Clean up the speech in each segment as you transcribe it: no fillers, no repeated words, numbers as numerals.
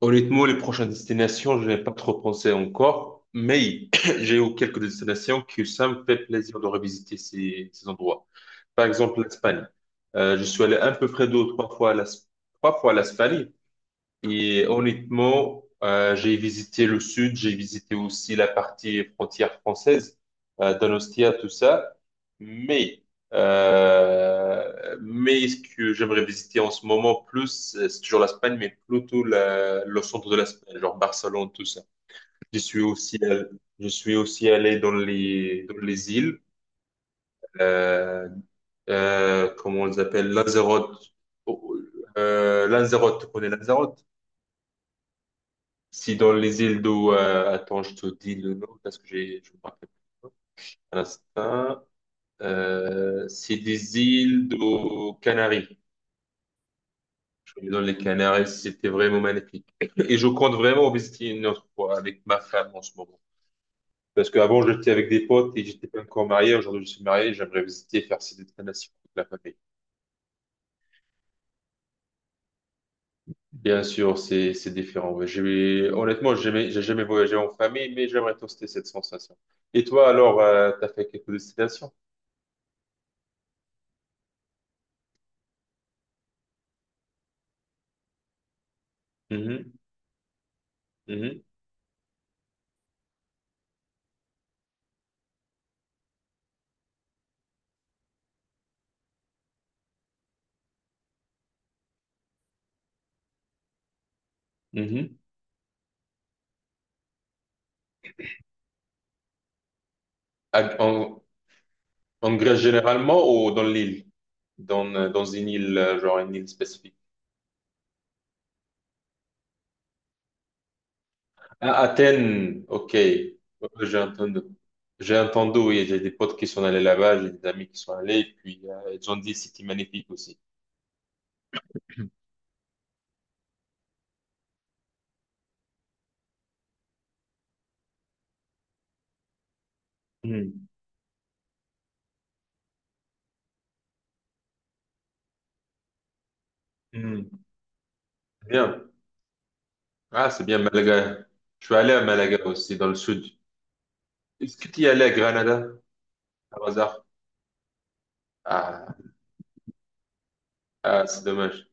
Honnêtement, les prochaines destinations, je n'ai pas trop pensé encore, mais j'ai eu quelques destinations que ça me fait plaisir de revisiter ces endroits. Par exemple, l'Espagne. Je suis allé à peu près deux ou trois fois trois fois à l'Espagne. Et honnêtement, j'ai visité le sud, j'ai visité aussi la partie frontière française, Donostia, tout ça. Mais, mais ce que j'aimerais visiter en ce moment plus, c'est toujours l'Espagne, mais plutôt le centre de l'Espagne, genre Barcelone, tout ça. Je suis aussi, allé- je suis aussi allé dans les îles, euh, comment on les appelle, Lanzarote. Oh, Lanzarote, tu connais Lanzarote? Si dans les îles d'eau, attends, je te dis le nom parce que je me rappelle pas. Un instant. C'est des îles d'eau Canaries. Je suis dans les Canaries, c'était vraiment magnifique. Et je compte vraiment visiter une autre fois avec ma femme en ce moment. Parce qu'avant, j'étais avec des potes et j'étais pas encore marié. Aujourd'hui, je suis marié, j'aimerais visiter, faire ces destinations avec la famille. Bien sûr, c'est différent. Mais honnêtement, j'ai jamais voyagé en famille, mais j'aimerais tester cette sensation. Et toi, alors, t'as fait quelques destinations? Mhm, mhm, mhm. En, en Grèce généralement ou dans l'île? Dans, dans une île, genre une île spécifique. À Athènes, ok. Ouais, ouais, j'ai entendu. J'ai entendu, oui, j'ai des potes qui sont allés là-bas, j'ai des amis qui sont allés, et puis ils ont dit c'était magnifique aussi. Mhm, mhm. Bien. Ah, c'est bien, Malaga. Je suis allé à Malaga aussi, dans le sud. Est-ce que tu y allais à Granada, par hasard? Ah, ah c'est dommage.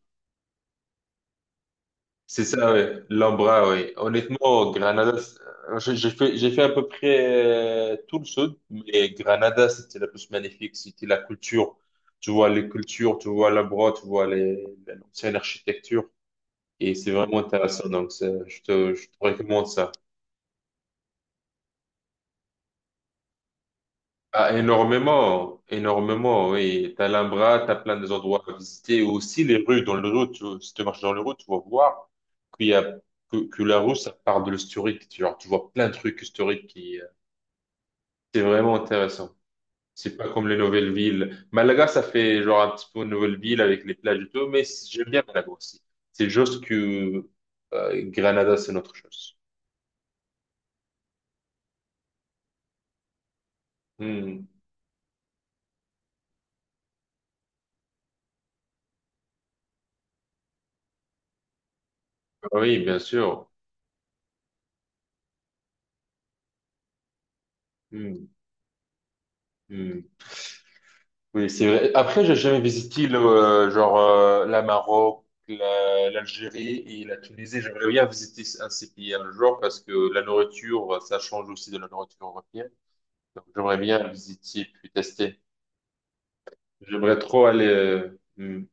C'est ça, ouais. L'Ambra, oui. Honnêtement, Granada, j'ai fait à peu près tout le sud, mais Granada, c'était la plus magnifique. C'était la culture. Tu vois les cultures, tu vois l'Ambra, tu vois l'ancienne architecture. Et c'est vraiment intéressant. Donc, je te recommande ça. Ah, énormément, énormément, oui. T'as l'Alhambra, t'as plein des endroits à visiter, aussi les rues, dans le rue, tu, si tu marches dans le rue, tu vas voir qu'il y a, que la rue, ça part de l'historique, tu, genre, tu vois plein de trucs historiques qui c'est vraiment intéressant. C'est pas comme les nouvelles villes. Malaga, ça fait genre un petit peu une nouvelle ville avec les plages et tout, mais j'aime bien Malaga aussi. C'est juste que, Granada, c'est notre chose. Hmm. Ah oui, bien sûr. Hmm. Hmm. Oui, c'est vrai. Après, j'ai jamais visité genre la Maroc, l'Algérie et la Tunisie. J'aimerais bien visiter un de ces pays un jour parce que la nourriture, ça change aussi de la nourriture européenne. Donc, j'aimerais bien visiter puis tester. J'aimerais trop aller.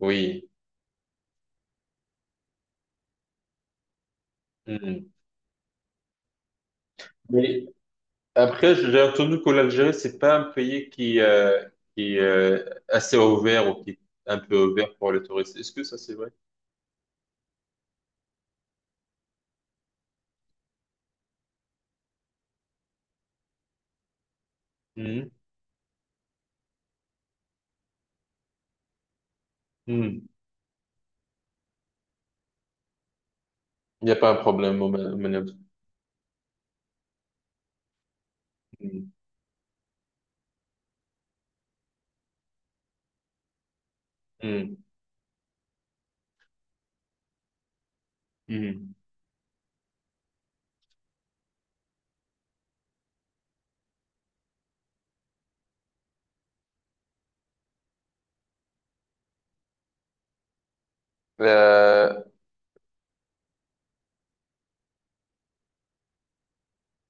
Oui. Hmm. Mais après, j'ai entendu que l'Algérie, c'est pas un pays qui est assez ouvert ou qui est un peu ouvert pour les touristes. Est-ce que ça, c'est vrai? Hmm. Hmm. Il n'y a pas un problème, au Maroc. Hmm. Hmm. Mhm. Euh,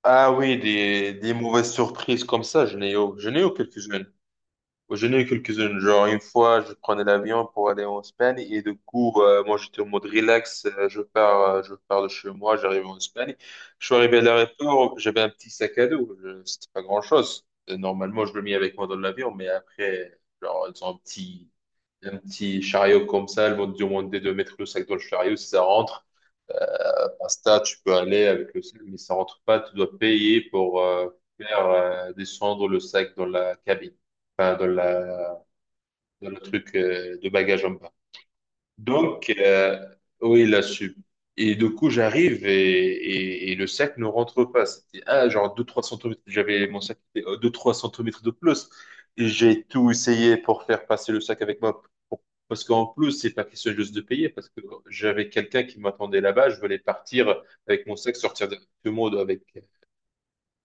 ah oui, des mauvaises surprises comme ça, je n'ai eu quelques-unes. Je n'ai eu quelques-unes. Genre, une fois, je prenais l'avion pour aller en Espagne et du coup, moi, j'étais en mode relax. Euh, je pars de chez moi, j'arrive en Espagne. Je suis arrivé à l'aéroport, j'avais un petit sac à dos. C'était pas grand-chose. Normalement, je le mets avec moi dans l'avion, mais après, genre, ils ont un petit chariot comme ça. Ils vont te demander de mettre le sac dans le chariot si ça rentre. Insta, tu peux aller avec le sac, mais ça rentre pas. Tu dois payer pour faire descendre le sac dans la cabine, enfin, dans la, dans le truc de bagage en bas. Donc, oui, là sup. Et du coup, j'arrive et le sac ne rentre pas. C'était ah, genre 2-3 centimètres. J'avais mon sac était 2-3 centimètres de plus. Et j'ai tout essayé pour faire passer le sac avec moi. Pour- Parce qu'en plus, c'est pas question juste de payer. Parce que j'avais quelqu'un qui m'attendait là-bas. Je voulais partir avec mon sac, sortir directement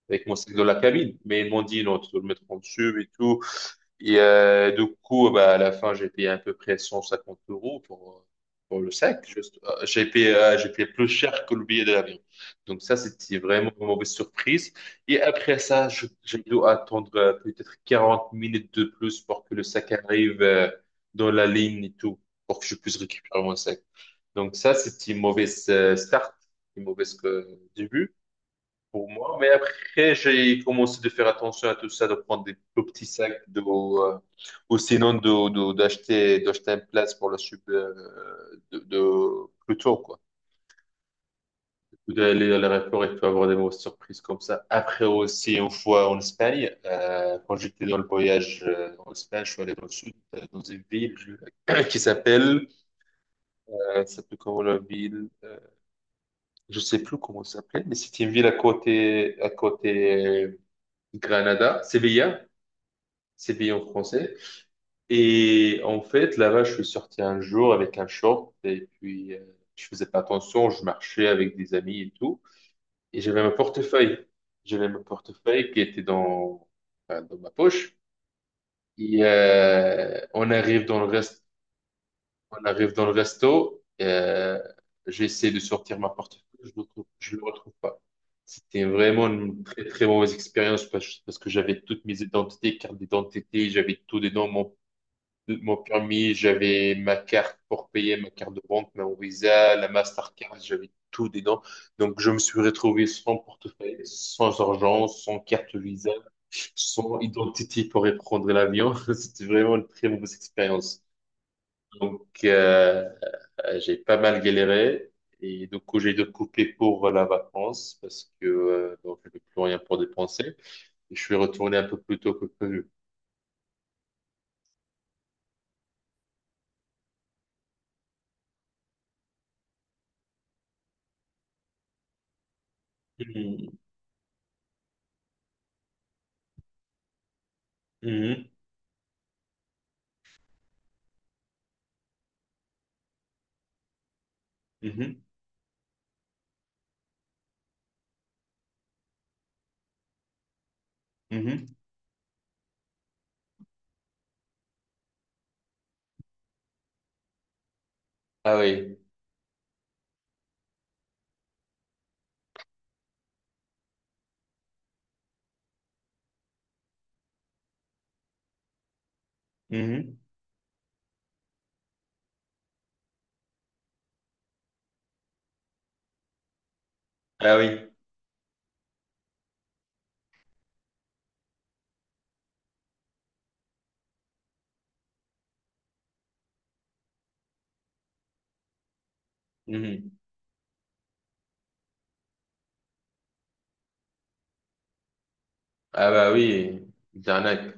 avec mon sac dans la cabine. Mais ils m'ont dit, non, tu dois le mettre en dessus et tout. Et du coup, bah, à la fin, j'ai payé à peu près 150 euros pour le sac. Juste, j'ai payé, j'ai payé plus cher que le billet de l'avion. Donc ça, c'était vraiment une mauvaise surprise. Et après ça, j'ai dû attendre peut-être 40 minutes de plus pour que le sac arrive dans la ligne et tout, pour que je puisse récupérer mon sac. Donc ça, c'était une mauvaise start, une mauvaise début pour moi. Mais après, j'ai commencé de faire attention à tout ça, de prendre des tout petits sacs ou sinon d'acheter, d'acheter un place pour la soupe de plus tôt, quoi. D'aller à l'aéroport et de avoir des mauvaises surprises comme ça. Après aussi, une fois en Espagne, quand j'étais dans le voyage en Espagne, je suis allé dans le sud, dans une ville qui s'appelle, ça s'appelle comment la ville? Je sais plus comment ça s'appelait, mais c'était une ville à côté Granada, Séville. C'est payé en français. Et en fait, là-bas, je suis sorti un jour avec un short et puis je faisais pas attention, je marchais avec des amis et tout. Et j'avais mon portefeuille. J'avais mon portefeuille qui était dans, enfin, dans ma poche. Et on arrive dans le resto. J'essaie de sortir ma portefeuille, je le retrouve pas. C'était vraiment une très très mauvaise expérience parce que j'avais toutes mes identités, carte d'identité, j'avais tout dedans, mon de mon permis, j'avais ma carte pour payer, ma carte de banque, ma Visa, la Mastercard, j'avais tout dedans. Donc, je me suis retrouvé sans portefeuille, sans argent, sans carte Visa, sans identité pour prendre l'avion. C'était vraiment une très mauvaise expérience. Donc, j'ai pas mal galéré. Et du coup, j'ai dû couper pour la vacance parce que donc, je n'avais plus rien pour dépenser. Et je suis retourné un peu plus tôt que prévu. Mhm, mhm, mhm, mhm. Ah oui. Mhm. Ah oui. Mhm. Ah bah oui, Jarnac.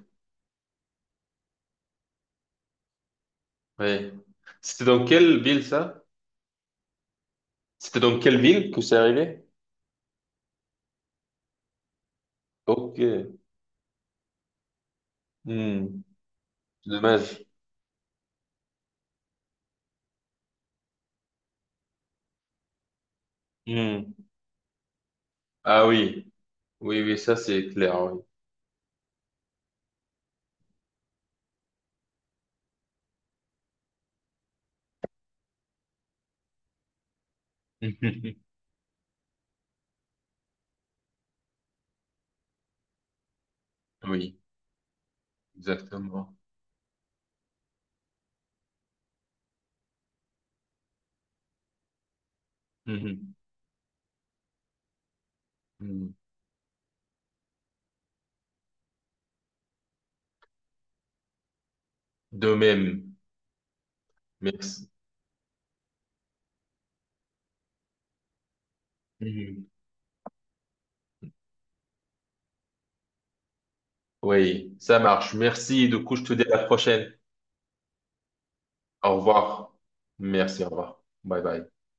Oui. C'était dans quelle ville ça? C'était dans quelle ville que c'est arrivé? Ok. Hmm. Dommage. Hmm. Ah oui. Oui, oui, ça c'est clair, oui. Mhm. Oui, exactement. Mhm. Mhm. De même. Merci. Mhm. Oui, ça marche. Merci. Du coup, je te dis à la prochaine. Au revoir. Merci, au revoir. Bye bye.